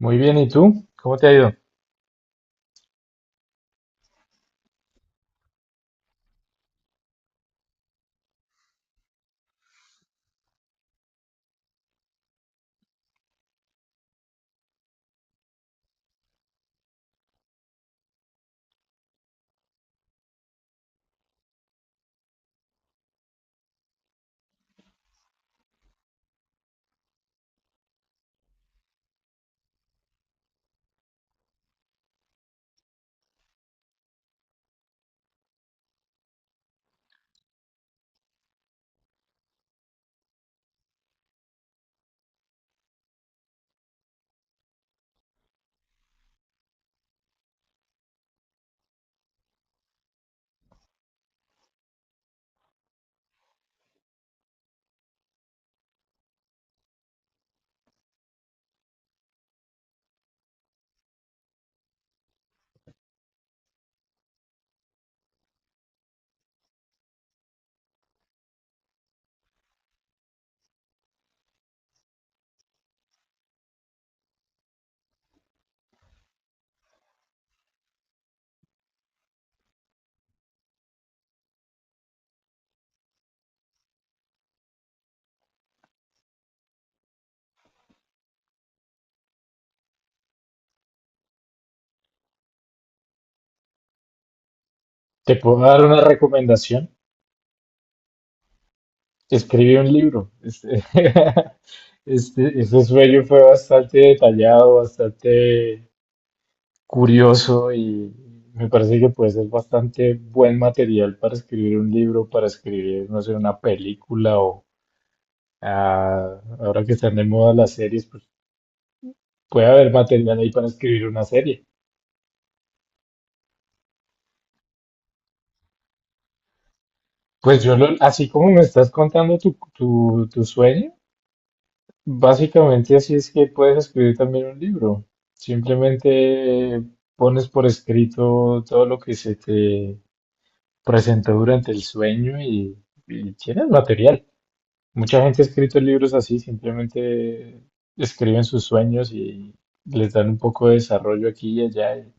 Muy bien, ¿y tú? ¿Cómo te ha ido? Te puedo dar una recomendación. Escribí un libro. Ese sueño fue bastante detallado, bastante curioso y me parece que puede ser bastante buen material para escribir un libro, para escribir, no sé, una película o ahora que están de moda las series, pues puede haber material ahí para escribir una serie. Pues así como me estás contando tu sueño. Básicamente así es que puedes escribir también un libro. Simplemente pones por escrito todo lo que se te presentó durante el sueño y tienes material. Mucha gente ha escrito libros así, simplemente escriben sus sueños y les dan un poco de desarrollo aquí y allá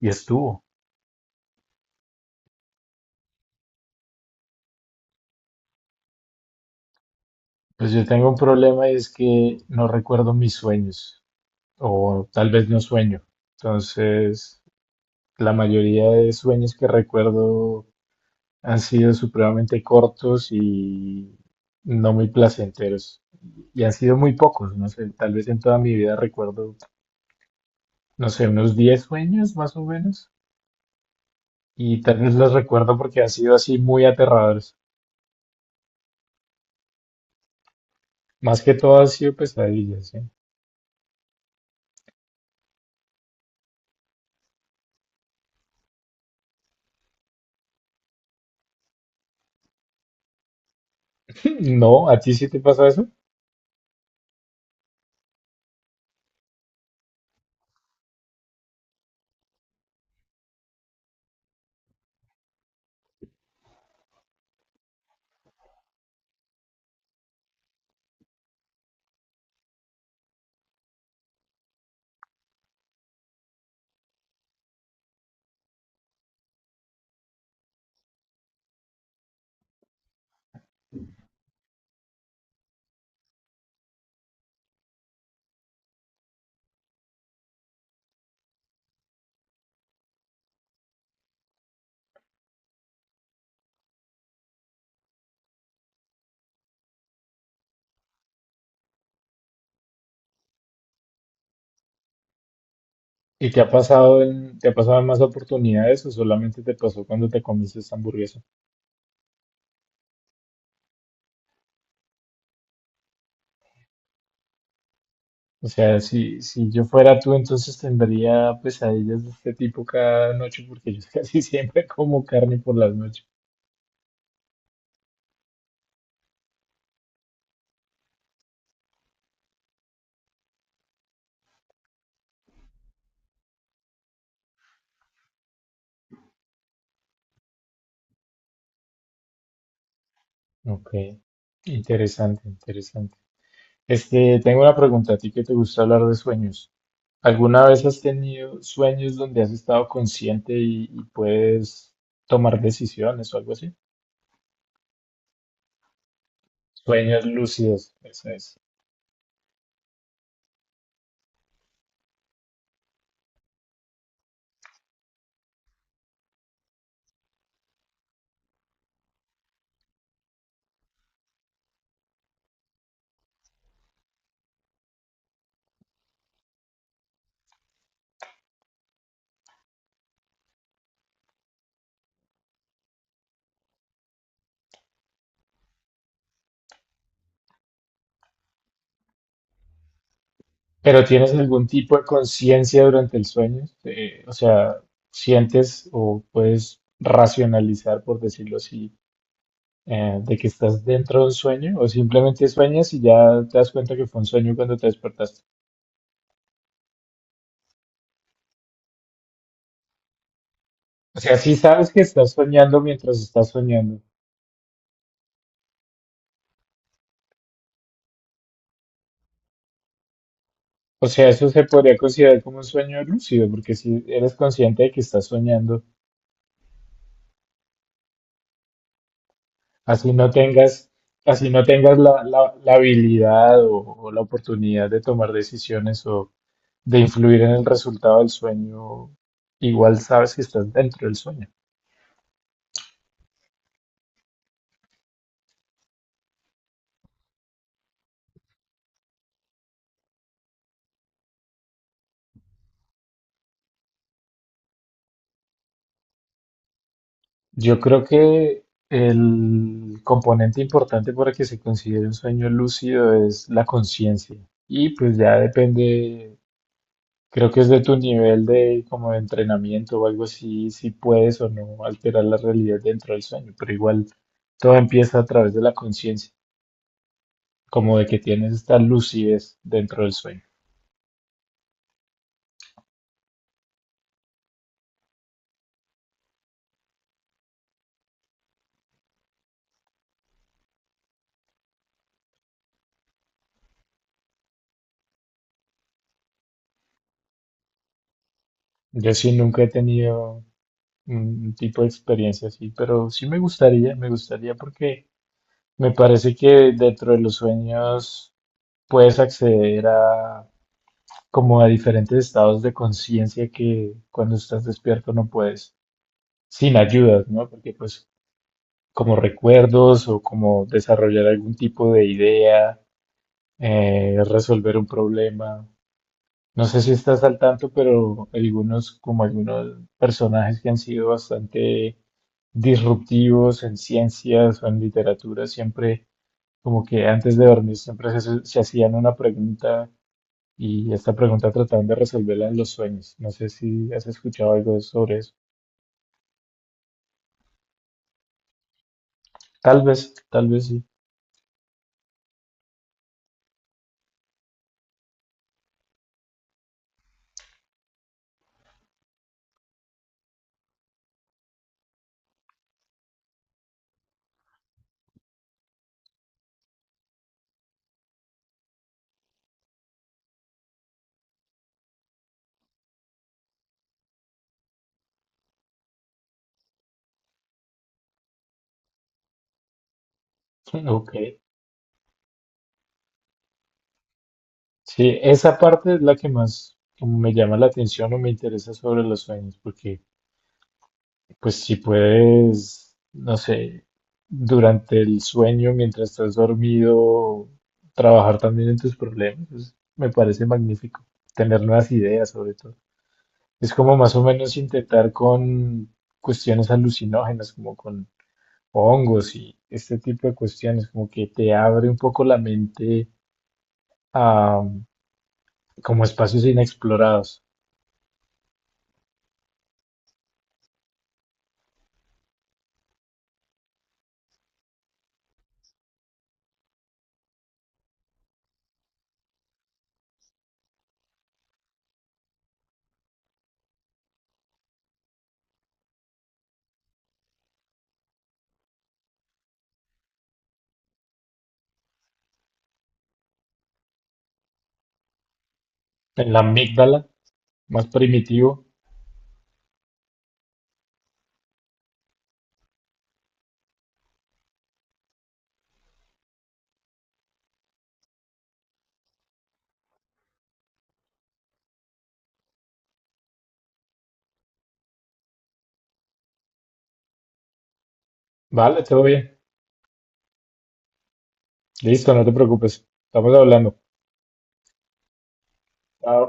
y estuvo. Pues yo tengo un problema y es que no recuerdo mis sueños o tal vez no sueño. Entonces, la mayoría de sueños que recuerdo han sido supremamente cortos y no muy placenteros. Y han sido muy pocos, no sé, tal vez en toda mi vida recuerdo, no sé, unos 10 sueños más o menos. Y tal vez los recuerdo porque han sido así muy aterradores. Más que todo han sido pesadillas, ¿sí? No, ¿a ti sí te pasa eso? ¿Y te ha pasado te ha pasado en más oportunidades o solamente te pasó cuando te comiste esta hamburguesa? O sea, si yo fuera tú, entonces tendría pesadillas de este tipo cada noche, porque yo casi siempre como carne por las noches. Ok, interesante, interesante. Tengo una pregunta a ti que te gusta hablar de sueños. ¿Alguna vez has tenido sueños donde has estado consciente y puedes tomar decisiones o algo así? Sueños lúcidos, eso es. Pero ¿tienes algún tipo de conciencia durante el sueño? O sea, ¿sientes o puedes racionalizar, por decirlo así, de que estás dentro de un sueño? ¿O simplemente sueñas y ya te das cuenta que fue un sueño cuando te despertaste? O sea, sí sabes que estás soñando mientras estás soñando. O sea, eso se podría considerar como un sueño lúcido, porque si eres consciente de que estás soñando, así no tengas, así no tengas la habilidad o la oportunidad de tomar decisiones o de influir en el resultado del sueño, igual sabes que estás dentro del sueño. Yo creo que el componente importante para que se considere un sueño lúcido es la conciencia. Y pues ya depende, creo que es de tu nivel de como de entrenamiento o algo así, si puedes o no alterar la realidad dentro del sueño, pero igual todo empieza a través de la conciencia, como de que tienes esta lucidez dentro del sueño. Yo sí nunca he tenido un tipo de experiencia así, pero sí me gustaría porque me parece que dentro de los sueños puedes acceder a como a diferentes estados de conciencia que cuando estás despierto no puedes, sin ayudas, ¿no? Porque pues como recuerdos o como desarrollar algún tipo de idea, resolver un problema. No sé si estás al tanto, pero algunos, como algunos personajes que han sido bastante disruptivos en ciencias o en literatura, siempre como que antes de dormir siempre se hacían una pregunta y esta pregunta trataban de resolverla en los sueños. No sé si has escuchado algo sobre eso. Tal vez sí. Ok. Sí, esa parte es la que más como me llama la atención o me interesa sobre los sueños, porque pues si puedes, no sé, durante el sueño, mientras estás dormido, trabajar también en tus problemas, pues, me parece magnífico. Tener nuevas ideas, sobre todo. Es como más o menos intentar con cuestiones alucinógenas, como con hongos y este tipo de cuestiones, como que te abre un poco la mente a como espacios inexplorados. En la amígdala, más primitivo. Vale, todo bien. Listo, no te preocupes. Estamos hablando. Chao.